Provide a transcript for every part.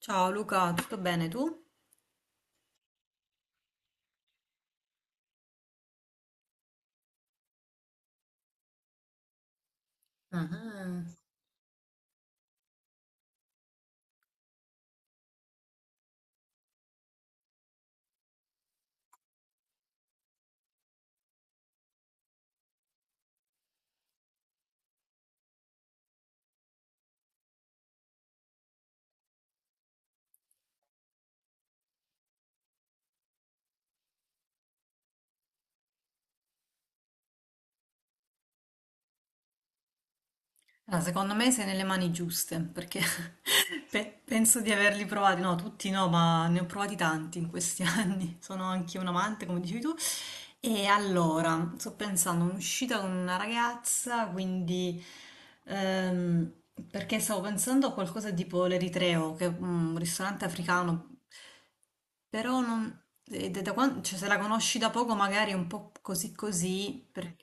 Ciao Luca, tutto bene tu? Ah, Secondo me sei nelle mani giuste, perché penso di averli provati, no, tutti no, ma ne ho provati tanti in questi anni. Sono anche un amante, come dicevi tu. E allora, sto pensando, un'uscita con una ragazza, quindi ehm, perché stavo pensando a qualcosa tipo l'Eritreo, che è un ristorante africano. Però non, E da cioè, se la conosci da poco magari è un po' così così,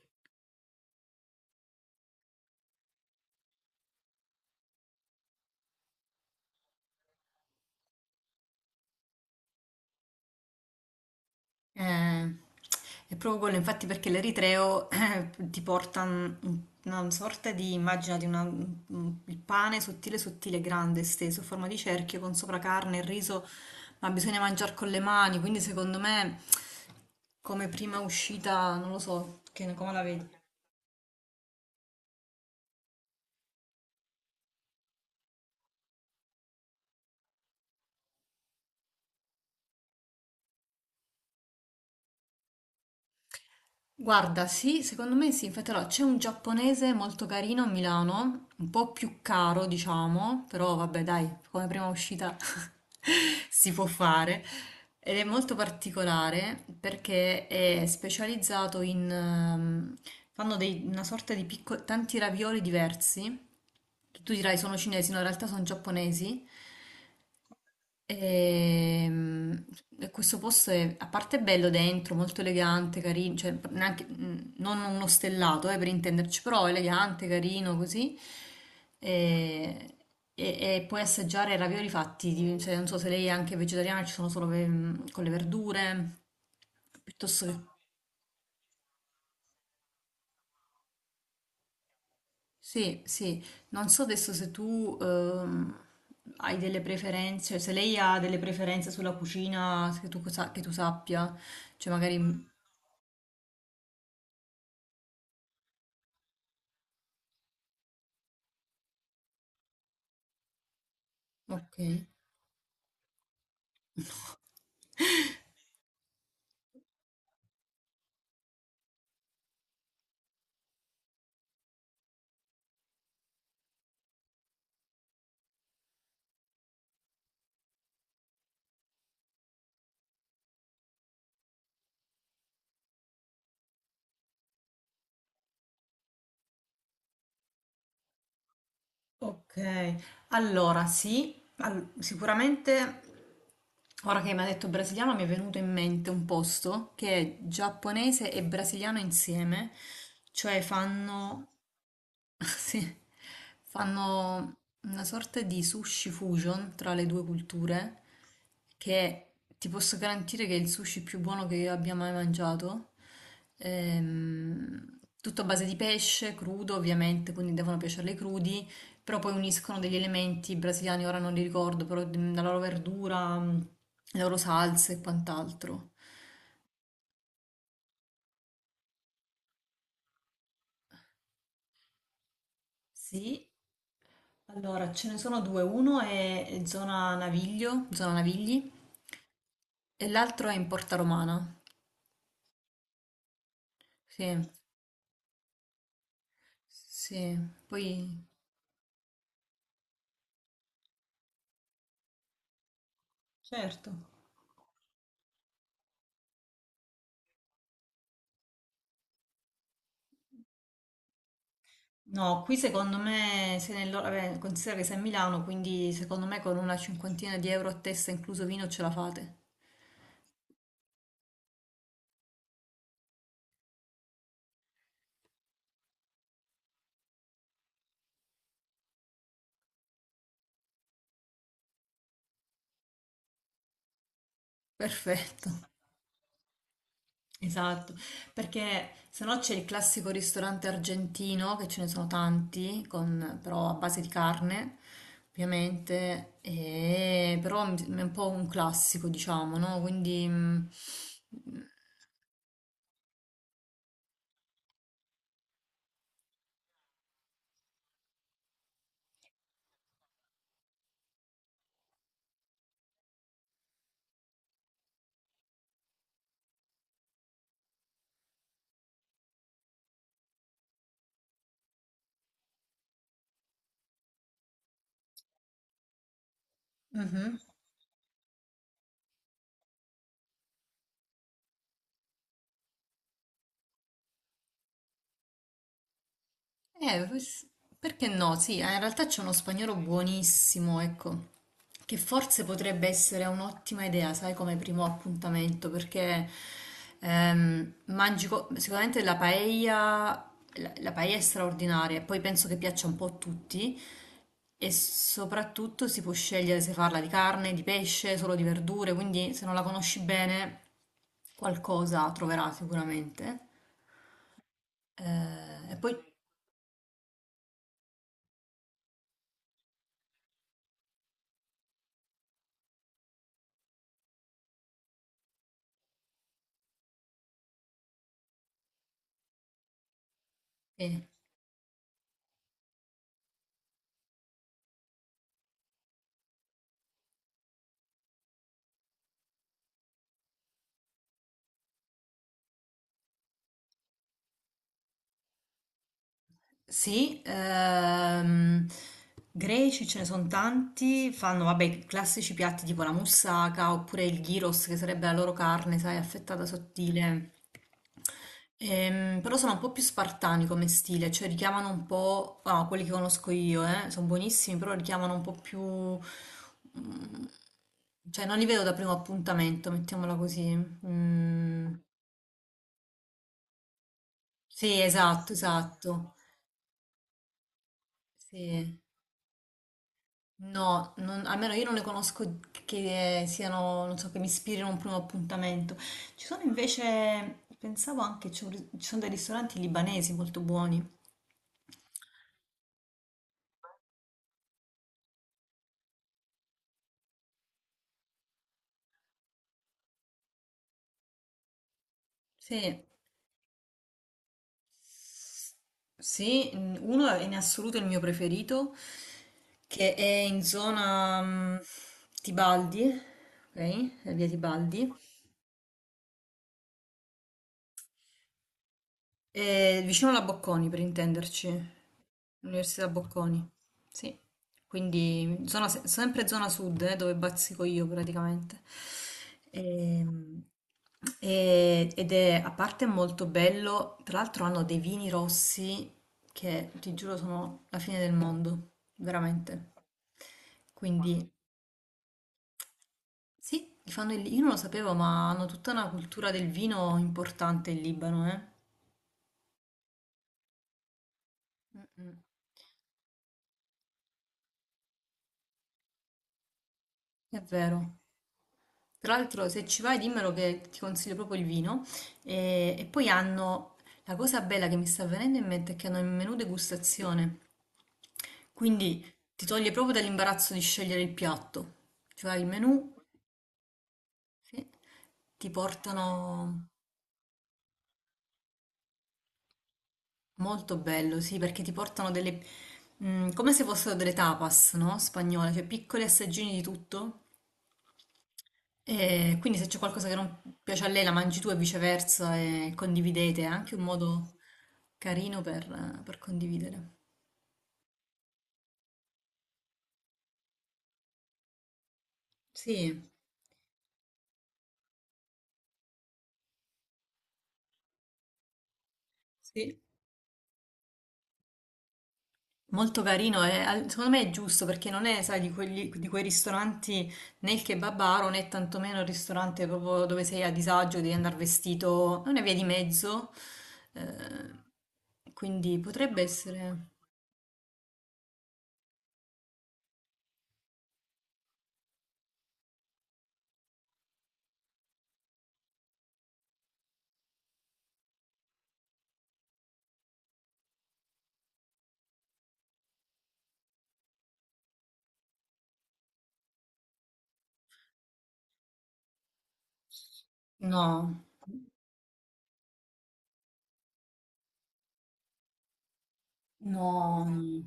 eh, è proprio quello, infatti, perché l'eritreo ti porta una sorta di immagine di il pane sottile, sottile, grande, esteso, a forma di cerchio, con sopra carne e riso, ma bisogna mangiare con le mani, quindi secondo me, come prima uscita, non lo so, che, come la vedi? Guarda, sì, secondo me sì, infatti allora, c'è un giapponese molto carino a Milano, un po' più caro diciamo, però vabbè dai, come prima uscita si può fare. Ed è molto particolare perché è specializzato in... fanno una sorta di piccoli, tanti ravioli diversi, che tu dirai sono cinesi, no, in realtà sono giapponesi. Ehm, e questo posto è, a parte è bello dentro, molto elegante, carino, cioè non uno stellato, per intenderci, però elegante, carino, così. E, e- e puoi assaggiare ravioli fatti, cioè, non so se lei è anche vegetariana, ci sono solo con le verdure, piuttosto che... Sì, sì, non so adesso se tu hai delle preferenze, se lei ha delle preferenze sulla cucina che tu, che tu sappia. Cioè, magari. Ok. Ok, allora sì, sicuramente ora che mi ha detto brasiliano mi è venuto in mente un posto che è giapponese e brasiliano insieme, cioè fanno sì, fanno una sorta di sushi fusion tra le due culture, che ti posso garantire che è il sushi più buono che io abbia mai mangiato. Tutto a base di pesce, crudo ovviamente, quindi devono piacerle crudi, però poi uniscono degli elementi brasiliani, ora non li ricordo, però la loro verdura, le loro salse e quant'altro. Sì, allora ce ne sono due, uno è zona Naviglio, zona Navigli, e l'altro è in Porta Romana. Sì, sì. Poi... certo. No, qui secondo me, se nel, vabbè, considera che sei a Milano, quindi secondo me con una cinquantina di euro a testa, incluso vino, ce la fate. Perfetto, esatto. Perché se no c'è il classico ristorante argentino, che ce ne sono tanti, però a base di carne, ovviamente, però è un po' un classico, diciamo, no? Quindi... mm, mhm. Eh, pues- perché no? Sì, in realtà c'è uno spagnolo buonissimo, ecco, che forse potrebbe essere un'ottima idea, sai, come primo appuntamento, perché mangi sicuramente la paella, la paella è straordinaria, e poi penso che piaccia un po' a tutti, e soprattutto si può scegliere se farla di carne, di pesce, solo di verdure, quindi se non la conosci bene qualcosa troverà sicuramente. E poi... sì. Sì, greci ce ne sono tanti, fanno vabbè i classici piatti tipo la moussaka oppure il gyros, che sarebbe la loro carne, sai, affettata sottile. Però sono un po' più spartani come stile, cioè richiamano un po', ah, quelli che conosco io, sono buonissimi, però richiamano un po' più, cioè non li vedo da primo appuntamento, mettiamola così. Mm, sì, esatto, esatto. Sì. No, almeno io non le conosco che siano, non so, che mi ispirino a un primo appuntamento. Ci sono invece, pensavo anche, ci sono dei ristoranti libanesi molto buoni. Sì, S- sì, uno è in assoluto il mio preferito, che è in zona Tibaldi, ok? Via Tibaldi, vicino alla Bocconi per intenderci. L'Università Bocconi, sì. Quindi zona sempre zona sud, dove bazzico io praticamente. Ehm, ed è a parte molto bello, tra l'altro hanno dei vini rossi che ti giuro sono la fine del mondo, veramente. Quindi sì, li fanno io non lo sapevo, ma hanno tutta una cultura del vino importante in Libano, eh. Mm, mm, è vero. Tra l'altro, se ci vai, dimmelo che ti consiglio proprio il vino. E poi hanno la cosa bella che mi sta venendo in mente, è che hanno il menù degustazione. Quindi ti toglie proprio dall'imbarazzo di scegliere il piatto. Cioè il menù, sì, ti portano molto bello, sì, perché ti portano delle... come se fossero delle tapas, no? Spagnole, cioè piccoli assaggini di tutto. E quindi se c'è qualcosa che non piace a lei, la mangi tu e viceversa e condividete, è anche un modo carino per condividere. Sì, sì. Molto carino, secondo me è giusto perché non è, sai, di di quei ristoranti, né il kebabaro né tantomeno il ristorante proprio dove sei a disagio, devi andare vestito, è una via di mezzo, quindi potrebbe essere... No, no, no.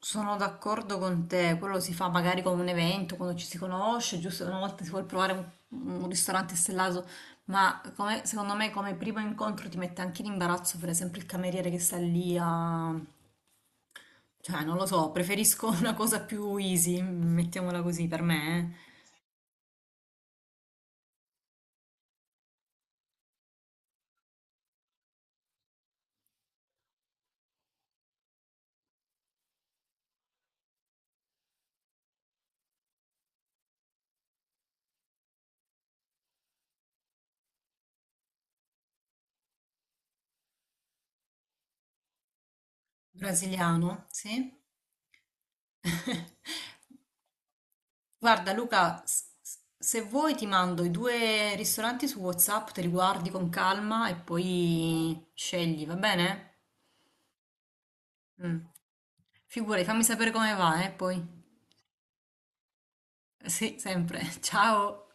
Sono d'accordo con te, quello si fa magari con un evento, quando ci si conosce, giusto una volta si vuole provare un ristorante stellato, ma secondo me come primo incontro ti mette anche in imbarazzo, per esempio il cameriere che sta lì a... Cioè, non lo so, preferisco una cosa più easy, mettiamola così per me, eh. Brasiliano, sì. Guarda Luca, se vuoi ti mando i due ristoranti su WhatsApp, te li guardi con calma e poi scegli, va bene? Mm. Figurati, fammi sapere come va, poi. Sì, sempre. Ciao.